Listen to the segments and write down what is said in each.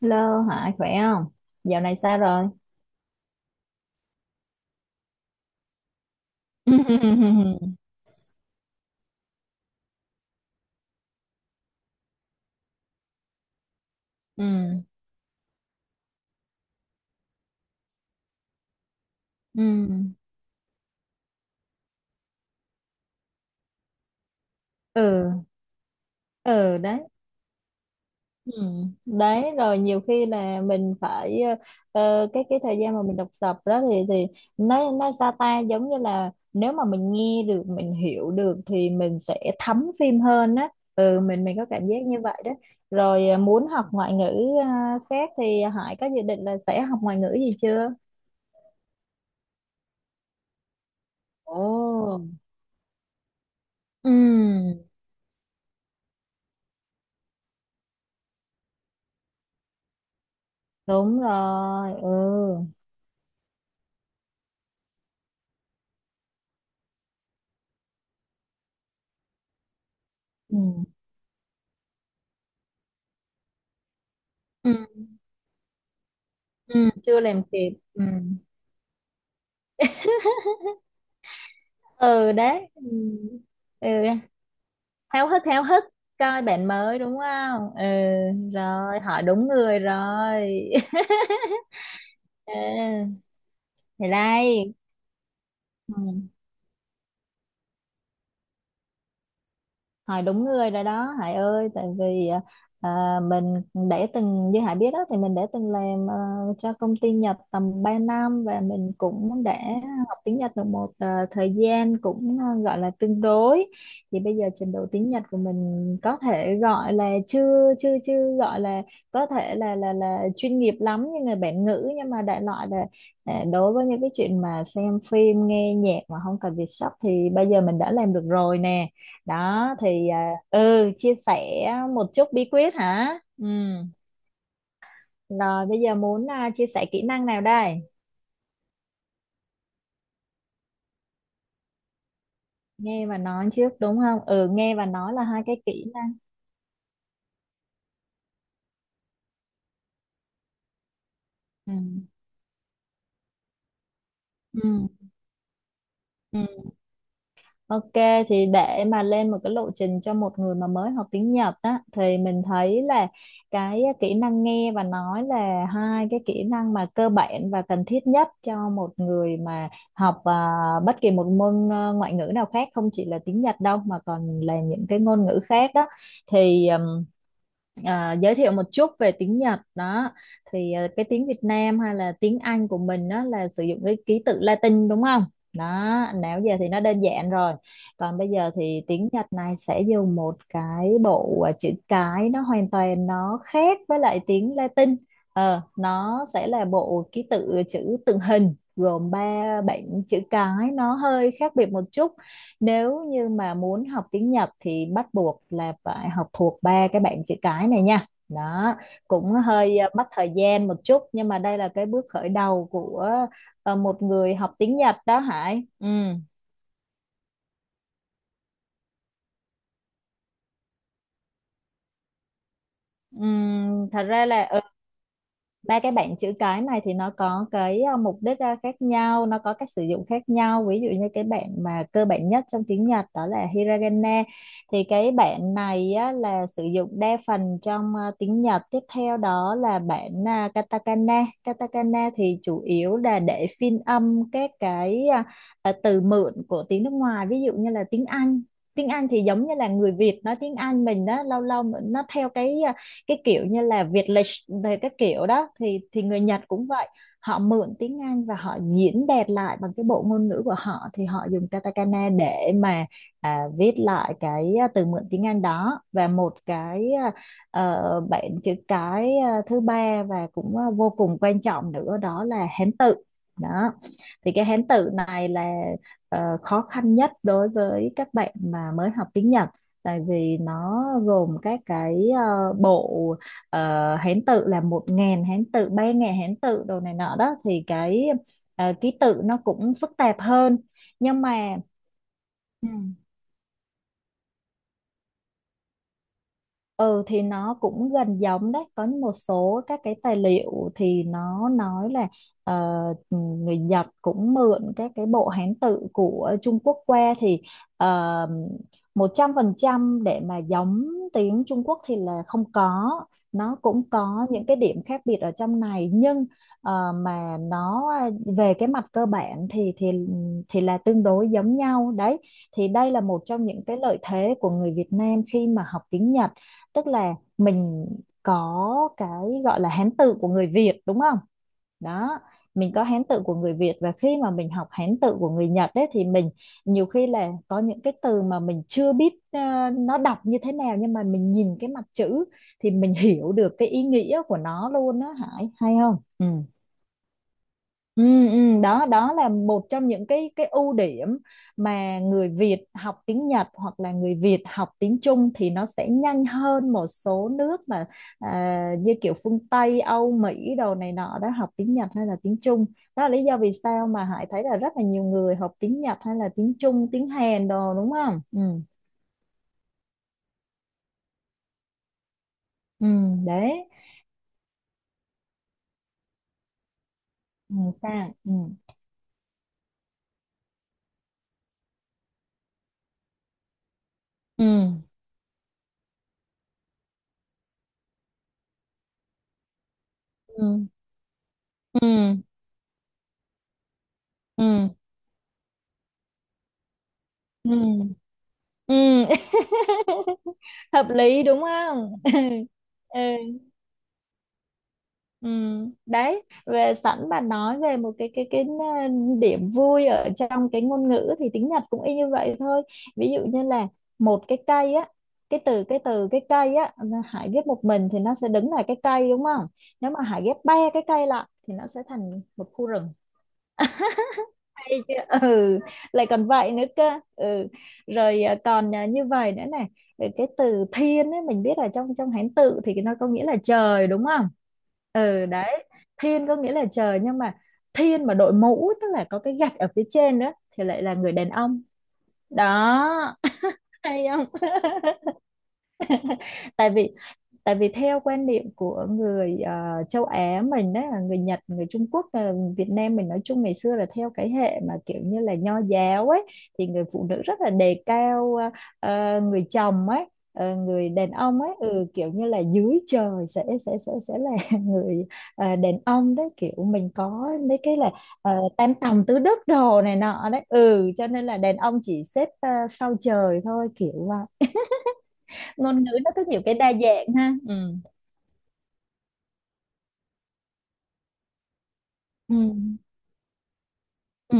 Lơ Hải khỏe không? Dạo này sao rồi? Ừ, ừ, ừ, ừ, ừ, đấy. Ừ. Đấy, rồi nhiều khi là mình phải cái thời gian mà mình đọc sập đó thì nó sao ta, giống như là nếu mà mình nghe được mình hiểu được thì mình sẽ thấm phim hơn á. Ừ, mình có cảm giác như vậy đó. Rồi muốn học ngoại ngữ khác thì Hải có dự định là sẽ học ngoại ngữ gì chưa? Ồ. Ừ. Đúng rồi. Ừ, ừ. Ừ. Ừ chưa làm kịp. Ừ. Ừ đấy. Ừ. Ừ, háo hức coi bạn mới đúng không? Ừ. Rồi, hỏi đúng người rồi. Ừ. Thì đây. Ừ. Hải đúng người rồi đó Hải ơi, tại vì mình để từng, như Hải biết đó, thì mình để từng làm cho công ty Nhật tầm 3 năm và mình cũng đã học tiếng Nhật được một thời gian cũng gọi là tương đối. Thì bây giờ trình độ tiếng Nhật của mình có thể gọi là chưa, chưa, chưa gọi là có thể là là chuyên nghiệp lắm như người bản ngữ, nhưng mà đại loại là đối với những cái chuyện mà xem phim nghe nhạc mà không cần việc sắp thì bây giờ mình đã làm được rồi nè. Đó thì ừ, chia sẻ một chút bí quyết hả? Ừ. Rồi bây giờ muốn chia sẻ kỹ năng nào đây? Nghe và nói trước đúng không? Ừ, nghe và nói là hai cái kỹ năng. Ừ. Ừ. Ừ. Ok, thì để mà lên một cái lộ trình cho một người mà mới học tiếng Nhật á thì mình thấy là cái kỹ năng nghe và nói là hai cái kỹ năng mà cơ bản và cần thiết nhất cho một người mà học bất kỳ một môn ngoại ngữ nào khác, không chỉ là tiếng Nhật đâu mà còn là những cái ngôn ngữ khác đó. Thì giới thiệu một chút về tiếng Nhật đó thì cái tiếng Việt Nam hay là tiếng Anh của mình đó là sử dụng cái ký tự Latin đúng không? Đó, nãy giờ thì nó đơn giản rồi, còn bây giờ thì tiếng Nhật này sẽ dùng một cái bộ chữ cái, nó hoàn toàn nó khác với lại tiếng Latin. Ờ, nó sẽ là bộ ký tự chữ tượng hình gồm ba bảng chữ cái, nó hơi khác biệt một chút. Nếu như mà muốn học tiếng Nhật thì bắt buộc là phải học thuộc ba cái bảng chữ cái này nha. Đó, cũng hơi mất thời gian một chút, nhưng mà đây là cái bước khởi đầu của một người học tiếng Nhật đó Hải. Ừ. Thật ra là ừ, ba cái bảng chữ cái này thì nó có cái mục đích khác nhau, nó có cách sử dụng khác nhau. Ví dụ như cái bảng mà cơ bản nhất trong tiếng Nhật đó là hiragana. Thì cái bảng này á, là sử dụng đa phần trong tiếng Nhật. Tiếp theo đó là bảng katakana. Katakana thì chủ yếu là để phiên âm các cái từ mượn của tiếng nước ngoài. Ví dụ như là tiếng Anh. Tiếng Anh thì giống như là người Việt nói tiếng Anh mình đó, lâu lâu nó theo cái cái kiểu như là Việt lịch về các kiểu đó thì người Nhật cũng vậy, họ mượn tiếng Anh và họ diễn đạt lại bằng cái bộ ngôn ngữ của họ thì họ dùng katakana để mà viết lại cái từ mượn tiếng Anh đó. Và một cái bạn chữ cái thứ ba và cũng vô cùng quan trọng nữa đó là Hán tự. Đó thì cái Hán tự này là khó khăn nhất đối với các bạn mà mới học tiếng Nhật, tại vì nó gồm các cái bộ ờ, Hán tự, là 1.000 Hán tự, 3.000 Hán tự đồ này nọ đó, thì cái ký tự nó cũng phức tạp hơn, nhưng mà ừ. Ừ, thì nó cũng gần giống đấy. Có một số các cái tài liệu thì nó nói là ờ, người Nhật cũng mượn các cái bộ Hán tự của Trung Quốc qua, thì uh, 100% để mà giống tiếng Trung Quốc thì là không có, nó cũng có những cái điểm khác biệt ở trong này, nhưng mà nó về cái mặt cơ bản thì thì là tương đối giống nhau đấy. Thì đây là một trong những cái lợi thế của người Việt Nam khi mà học tiếng Nhật, tức là mình có cái gọi là Hán tự của người Việt đúng không? Đó, mình có Hán tự của người Việt và khi mà mình học Hán tự của người Nhật đấy thì mình nhiều khi là có những cái từ mà mình chưa biết nó đọc như thế nào, nhưng mà mình nhìn cái mặt chữ thì mình hiểu được cái ý nghĩa của nó luôn đó Hải, hay không? Ừ. Ừ, ừ, đó đó là một trong những cái ưu điểm mà người Việt học tiếng Nhật hoặc là người Việt học tiếng Trung thì nó sẽ nhanh hơn một số nước mà như kiểu phương Tây, Âu, Mỹ đồ này nọ đó, học tiếng Nhật hay là tiếng Trung. Đó là lý do vì sao mà Hải thấy là rất là nhiều người học tiếng Nhật hay là tiếng Trung, tiếng Hàn đồ, đúng không? Ừ, ừ đấy. Ừ, sao? Ừ, ừ, ừ, ừ, ừ. Ừ. Ừ. Ừ. Hợp lý đúng không? Ừ. Ừ đấy, về sẵn bạn nói về một cái điểm vui ở trong cái ngôn ngữ thì tiếng Nhật cũng y như vậy thôi. Ví dụ như là một cái cây á, cái từ cái cây á, Hải ghép một mình thì nó sẽ đứng là cái cây đúng không, nếu mà Hải ghép ba cái cây lại thì nó sẽ thành một khu rừng. Hay chưa? Ừ, lại còn vậy nữa cơ. Ừ. Rồi còn như vậy nữa này, rồi cái từ thiên ấy, mình biết là trong trong Hán tự thì nó có nghĩa là trời đúng không? Ừ đấy, thiên có nghĩa là trời, nhưng mà thiên mà đội mũ, tức là có cái gạch ở phía trên nữa, thì lại là người đàn ông. Đó, hay không? Tại vì theo quan niệm của người châu Á mình đấy, là người Nhật, người Trung Quốc Việt Nam mình nói chung, ngày xưa là theo cái hệ mà kiểu như là nho giáo ấy, thì người phụ nữ rất là đề cao người chồng ấy, người đàn ông ấy, ừ, kiểu như là dưới trời sẽ là người đàn ông đấy, kiểu mình có mấy cái là ờ, tam tòng tứ đức đồ này nọ đấy. Ừ, cho nên là đàn ông chỉ xếp sau trời thôi kiểu vậy. Ngôn ngữ nó có nhiều cái đa dạng ha. Ừ. Ừ. Ừ.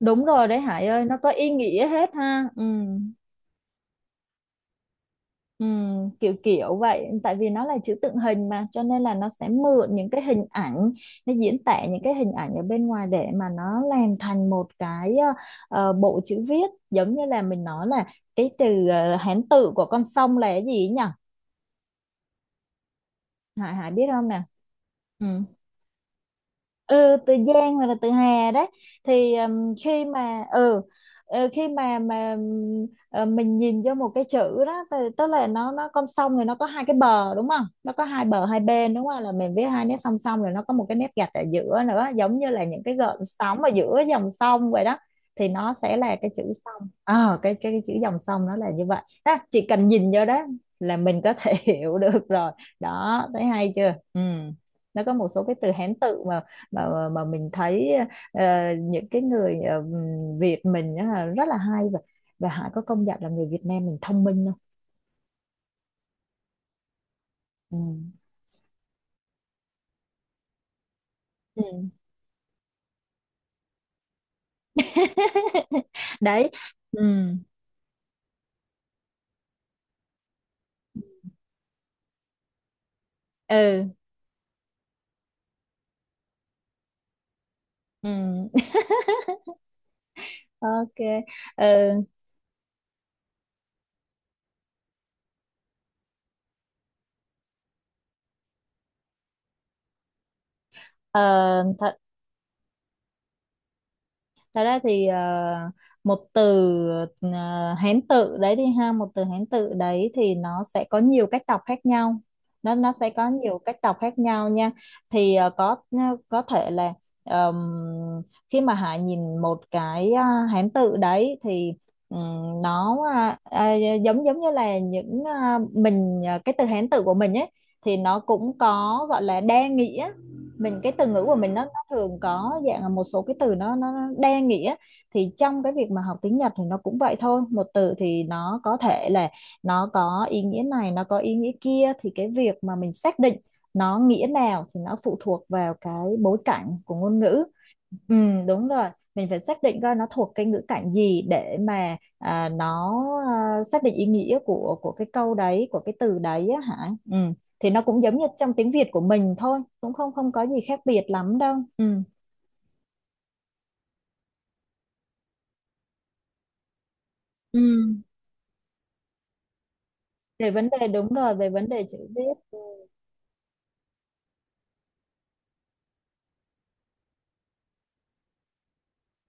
Đúng rồi đấy Hải ơi, nó có ý nghĩa hết ha. Ừ. Ừ. Kiểu kiểu vậy, tại vì nó là chữ tượng hình mà, cho nên là nó sẽ mượn những cái hình ảnh, nó diễn tả những cái hình ảnh ở bên ngoài để mà nó làm thành một cái bộ chữ viết, giống như là mình nói là cái từ Hán tự của con sông là cái gì nhỉ? Hải Hải biết không nè? Ừ. Ừ, từ Giang hoặc là từ Hà đấy, thì khi mà khi mà mình nhìn vô một cái chữ đó thì, tức là nó con sông, rồi nó có hai cái bờ đúng không, nó có hai bờ hai bên đúng không, là mình viết hai nét song song, rồi nó có một cái nét gạch ở giữa nữa, giống như là những cái gợn sóng ở giữa dòng sông vậy đó, thì nó sẽ là cái chữ sông. Ờ, cái chữ dòng sông nó là như vậy đó, chỉ cần nhìn vô đó là mình có thể hiểu được rồi. Đó thấy hay chưa? Ừ. Nó có một số cái từ Hán tự mà mà mình thấy ờ, những cái người Việt mình á là rất là hay. Và Hải có công nhận là người Việt Nam mình thông minh không? Ừ. Ừ. Đấy. Ừ. Ừ. Ừ. Ok. Ừ. Ờ, ờ, thật ra thì một từ Hán tự đấy đi ha, một từ Hán tự đấy thì nó sẽ có nhiều cách đọc khác nhau, nó sẽ có nhiều cách đọc khác nhau nha. Thì có có thể là ờm, khi mà Hải nhìn một cái Hán tự đấy thì nó giống giống như là những mình cái từ Hán tự của mình ấy thì nó cũng có gọi là đa nghĩa. Mình cái từ ngữ của mình nó thường có dạng là một số cái từ nó đa nghĩa. Thì trong cái việc mà học tiếng Nhật thì nó cũng vậy thôi, một từ thì nó có thể là nó có ý nghĩa này, nó có ý nghĩa kia, thì cái việc mà mình xác định nó nghĩa nào thì nó phụ thuộc vào cái bối cảnh của ngôn ngữ. Ừ, đúng rồi. Mình phải xác định coi nó thuộc cái ngữ cảnh gì để mà nó xác định ý nghĩa của cái câu đấy, của cái từ đấy á, hả. Ừ. Thì nó cũng giống như trong tiếng Việt của mình thôi, cũng không không có gì khác biệt lắm đâu. Ừ. Ừ. Về vấn đề, đúng rồi, về vấn đề chữ viết.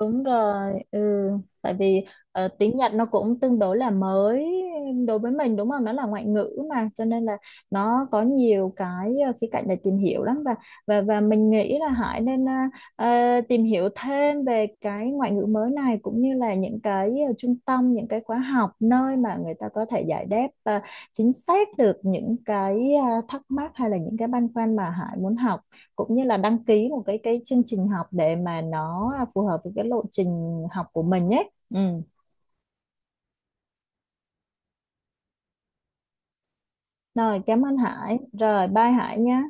Đúng rồi, ừ. Tại vì tiếng Nhật nó cũng tương đối là mới đối với mình đúng không? Nó là ngoại ngữ mà, cho nên là nó có nhiều cái khía cạnh để tìm hiểu lắm, và và mình nghĩ là Hải nên tìm hiểu thêm về cái ngoại ngữ mới này, cũng như là những cái trung tâm, những cái khóa học nơi mà người ta có thể giải đáp chính xác được những cái thắc mắc hay là những cái băn khoăn mà Hải muốn học, cũng như là đăng ký một cái chương trình học để mà nó phù hợp với cái lộ trình học của mình nhé. Ừ. Rồi, cảm ơn Hải. Rồi, bye Hải nhé.